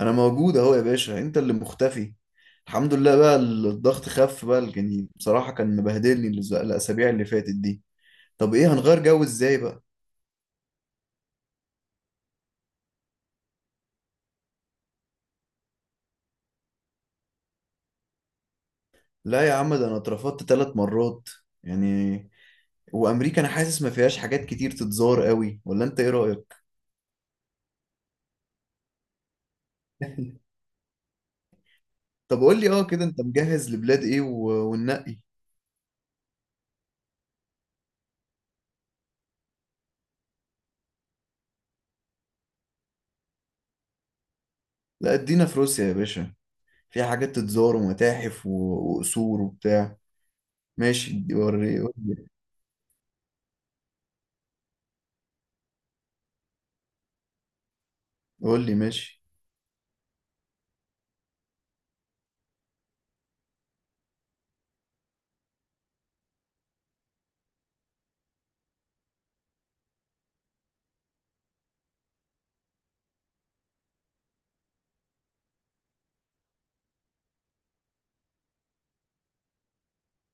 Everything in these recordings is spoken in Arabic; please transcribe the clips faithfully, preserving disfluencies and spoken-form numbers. انا موجود اهو يا باشا، انت اللي مختفي. الحمد لله بقى الضغط خف بقى، يعني بصراحة كان مبهدلني الز- الاسابيع اللي فاتت دي. طب ايه هنغير جو ازاي بقى؟ لا يا عم، ده انا اترفضت ثلاث مرات يعني. وامريكا انا حاسس ما فيهاش حاجات كتير تتزار قوي، ولا انت ايه رأيك؟ طب قول لي اه كده انت مجهز لبلاد ايه و- وننقي. لا ادينا في روسيا يا باشا، فيها حاجات تتزار ومتاحف و- وقصور وبتاع. ماشي، وري قول لي. قول لي ماشي.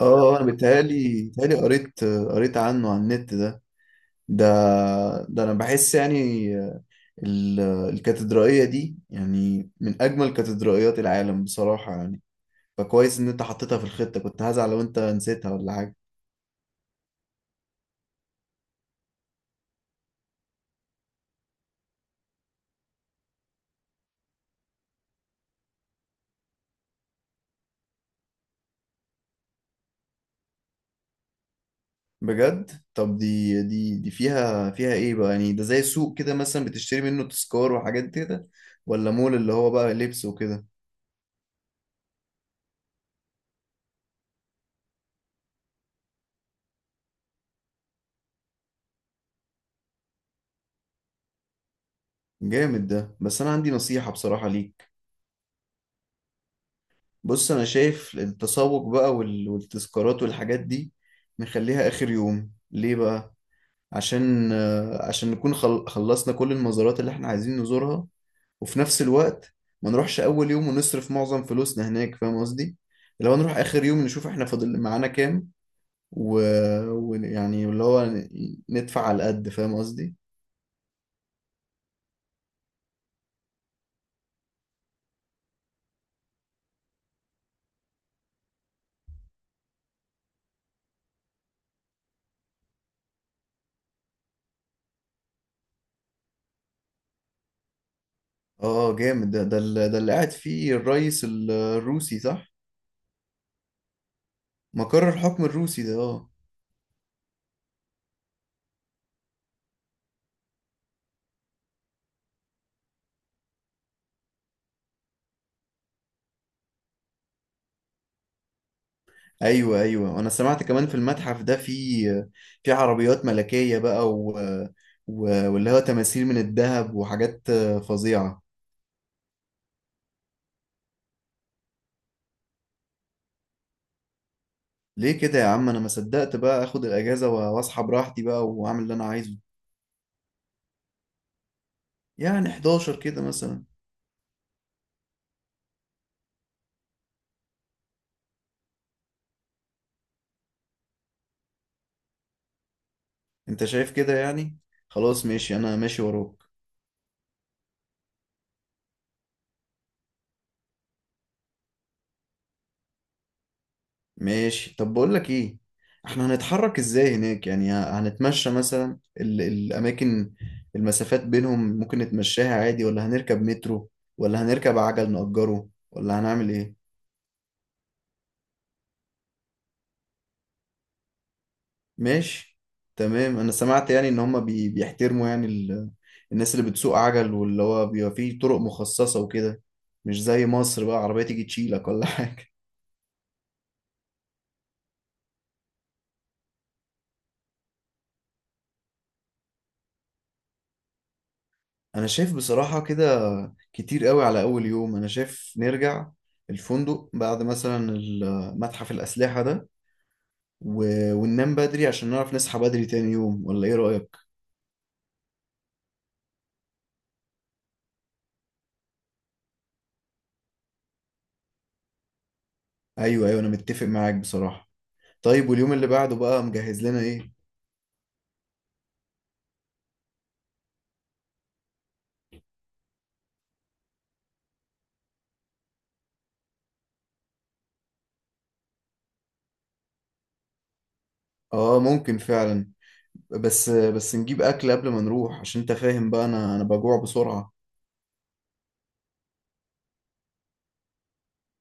اه انا بيتهيألي بيتهيألي قريت قريت عنه على النت ده. ده ده انا بحس يعني ال- الكاتدرائية دي يعني من اجمل كاتدرائيات العالم بصراحة يعني. فكويس ان انت حطيتها في الخطة، كنت هزعل لو انت نسيتها ولا حاجة. بجد؟ طب دي دي دي فيها فيها ايه بقى؟ يعني ده زي سوق كده مثلا بتشتري منه تذكار وحاجات كده، ولا مول اللي هو بقى لبس وكده؟ جامد ده، بس انا عندي نصيحة بصراحة ليك. بص، انا شايف التسوق بقى وال- والتذكارات والحاجات دي نخليها اخر يوم. ليه بقى؟ عشان آه، عشان نكون خل- خلصنا كل المزارات اللي احنا عايزين نزورها، وفي نفس الوقت ما نروحش اول يوم ونصرف معظم فلوسنا هناك، فاهم قصدي؟ لو نروح اخر يوم نشوف احنا فاضل معانا كام، ويعني و- ويعني اللي هو ن- ندفع على قد، فاهم قصدي؟ اه جامد ده ده اللي ده اللي قاعد فيه الرئيس الروسي، صح؟ مقر الحكم الروسي ده، اه. ايوه، ايوه، انا سمعت كمان في المتحف ده في في عربيات ملكية بقى و... و... واللي هو تماثيل من الذهب وحاجات فظيعة. ليه كده يا عم؟ انا ما صدقت بقى اخد الاجازة واصحى براحتي بقى واعمل اللي انا عايزه. يعني حداشر كده مثلا. انت شايف كده يعني؟ خلاص ماشي، انا ماشي وراك. ماشي، طب بقول لك ايه، احنا هنتحرك ازاي هناك؟ يعني ه- هنتمشى مثلا، ال الاماكن المسافات بينهم ممكن نتمشاها عادي، ولا هنركب مترو، ولا هنركب عجل نأجره، ولا هنعمل ايه؟ ماشي. تمام، انا سمعت يعني ان هما بي بيحترموا يعني ال الناس اللي بتسوق عجل، واللي هو بيبقى فيه طرق مخصصة وكده، مش زي مصر بقى عربية تيجي تشيلك ولا حاجة. انا شايف بصراحة كده كتير قوي على اول يوم. انا شايف نرجع الفندق بعد مثلا ال- متحف الاسلحة ده و... وننام بدري عشان نعرف نصحى بدري تاني يوم، ولا ايه رأيك؟ ايوه، ايوه، انا متفق معاك بصراحة. طيب، واليوم اللي بعده بقى مجهز لنا ايه؟ اه ممكن فعلا. بس بس نجيب اكل قبل ما نروح، عشان انت فاهم بقى، انا انا بجوع بسرعة.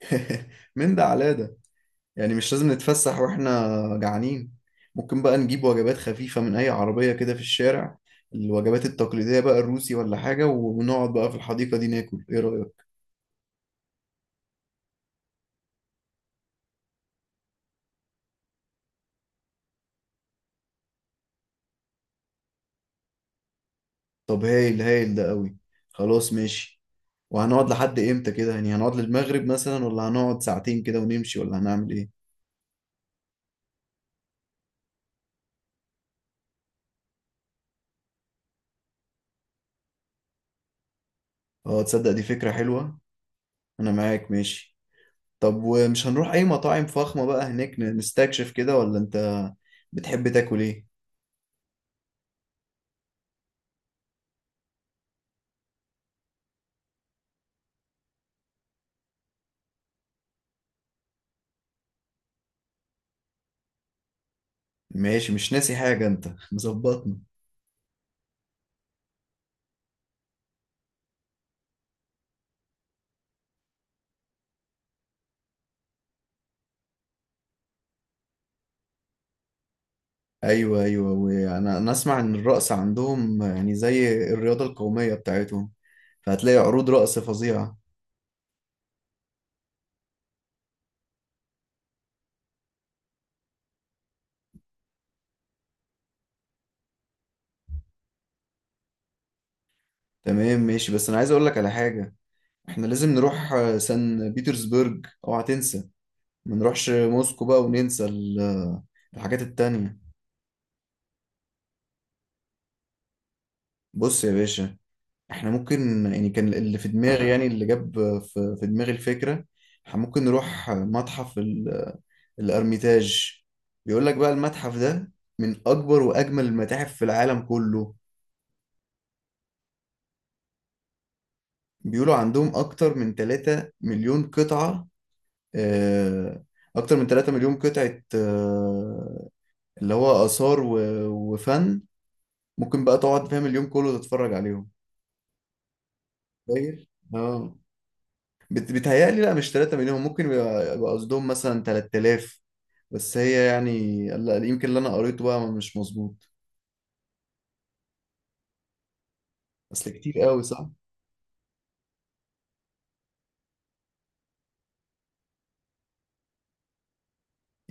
من ده على ده. يعني مش لازم نتفسح واحنا جعانين. ممكن بقى نجيب وجبات خفيفة من أي عربية كده في الشارع، الوجبات التقليدية بقى الروسي ولا حاجة، ونقعد بقى في الحديقة دي ناكل، إيه رأيك؟ طب هايل، هايل ده قوي. خلاص ماشي. وهنقعد لحد إمتى كده؟ يعني هنقعد للمغرب مثلا، ولا هنقعد ساعتين كده ونمشي، ولا هنعمل إيه؟ اه، تصدق دي فكرة حلوة. أنا معاك، ماشي. طب ومش هنروح أي مطاعم فخمة بقى هناك ن- نستكشف كده، ولا أنت بتحب تاكل إيه؟ ماشي، مش ناسي حاجة أنت، مظبطني. ايوه، ايوه، وانا انا اسمع ان الرقص عندهم يعني زي الرياضه القوميه بتاعتهم، فهتلاقي عروض رقص فظيعه. تمام ماشي، بس انا عايز اقول لك على حاجه. احنا لازم نروح آه، سان بيترسبرج، اوعى تنسى. ما نروحش موسكو بقى وننسى ال- الحاجات التانية. بص يا باشا، احنا ممكن يعني، كان اللي في دماغي، يعني اللي جاب في في دماغي الفكره، احنا ممكن نروح متحف ال- الارميتاج. بيقول لك بقى المتحف ده من اكبر واجمل المتاحف في العالم كله. بيقولوا عندهم أكتر من 3 مليون قطعة، آه، أكتر من 3 مليون قطعة، آه، اللي هو آثار و- وفن، ممكن بقى تقعد فاهم اليوم كله تتفرج عليهم. تخيل. اه بت- بيتهيألي لا، مش 3 مليون، ممكن يبقى يبقى قصدهم مثلا ثلاثة آلاف. بس هي يعني لا، يمكن اللي أنا قريته بقى مش مظبوط. أصل كتير قوي صح؟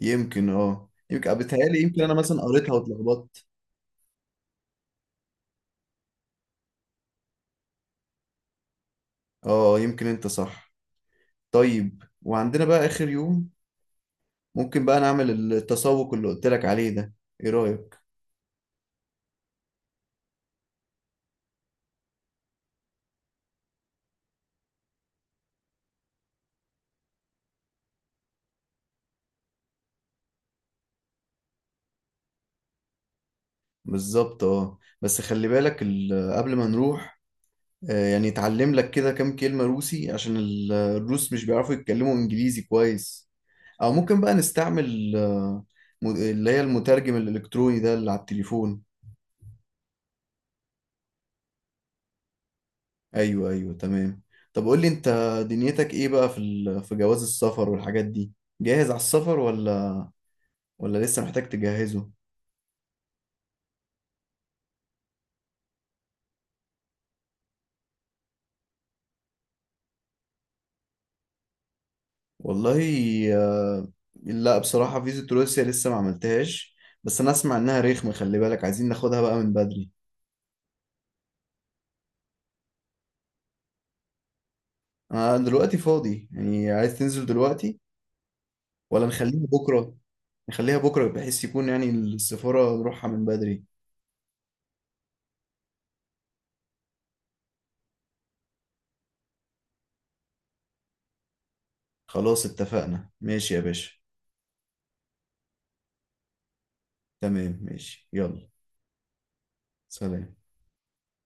يمكن اه يمكن بتهيألي، يمكن أنا مثلا قريتها واتلخبطت. اه، يمكن أنت صح. طيب وعندنا بقى آخر يوم ممكن بقى نعمل التسوق اللي قلت لك عليه ده، ايه رأيك؟ بالظبط. اه بس خلي بالك، ال- قبل ما نروح آه، يعني اتعلم لك كده كام كلمة روسي، عشان ال- الروس مش بيعرفوا يتكلموا انجليزي كويس. او ممكن بقى نستعمل آه، م- اللي هي المترجم الالكتروني ده اللي على التليفون. ايوه، ايوه، تمام. طب قول لي انت، دنيتك ايه بقى في ال- في جواز السفر والحاجات دي. جاهز على السفر، ولا ولا لسه محتاج تجهزه؟ والله، آه، لا، بصراحة فيزة روسيا لسه ما عملتهاش، بس أنا أسمع إنها رخمة، خلي بالك عايزين ناخدها بقى من بدري. أنا دلوقتي فاضي، يعني عايز تنزل دلوقتي ولا نخليها بكرة؟ نخليها بكرة بحيث يكون يعني السفارة نروحها من بدري. خلاص اتفقنا، ماشي يا باشا. تمام ماشي، يلا. سلام.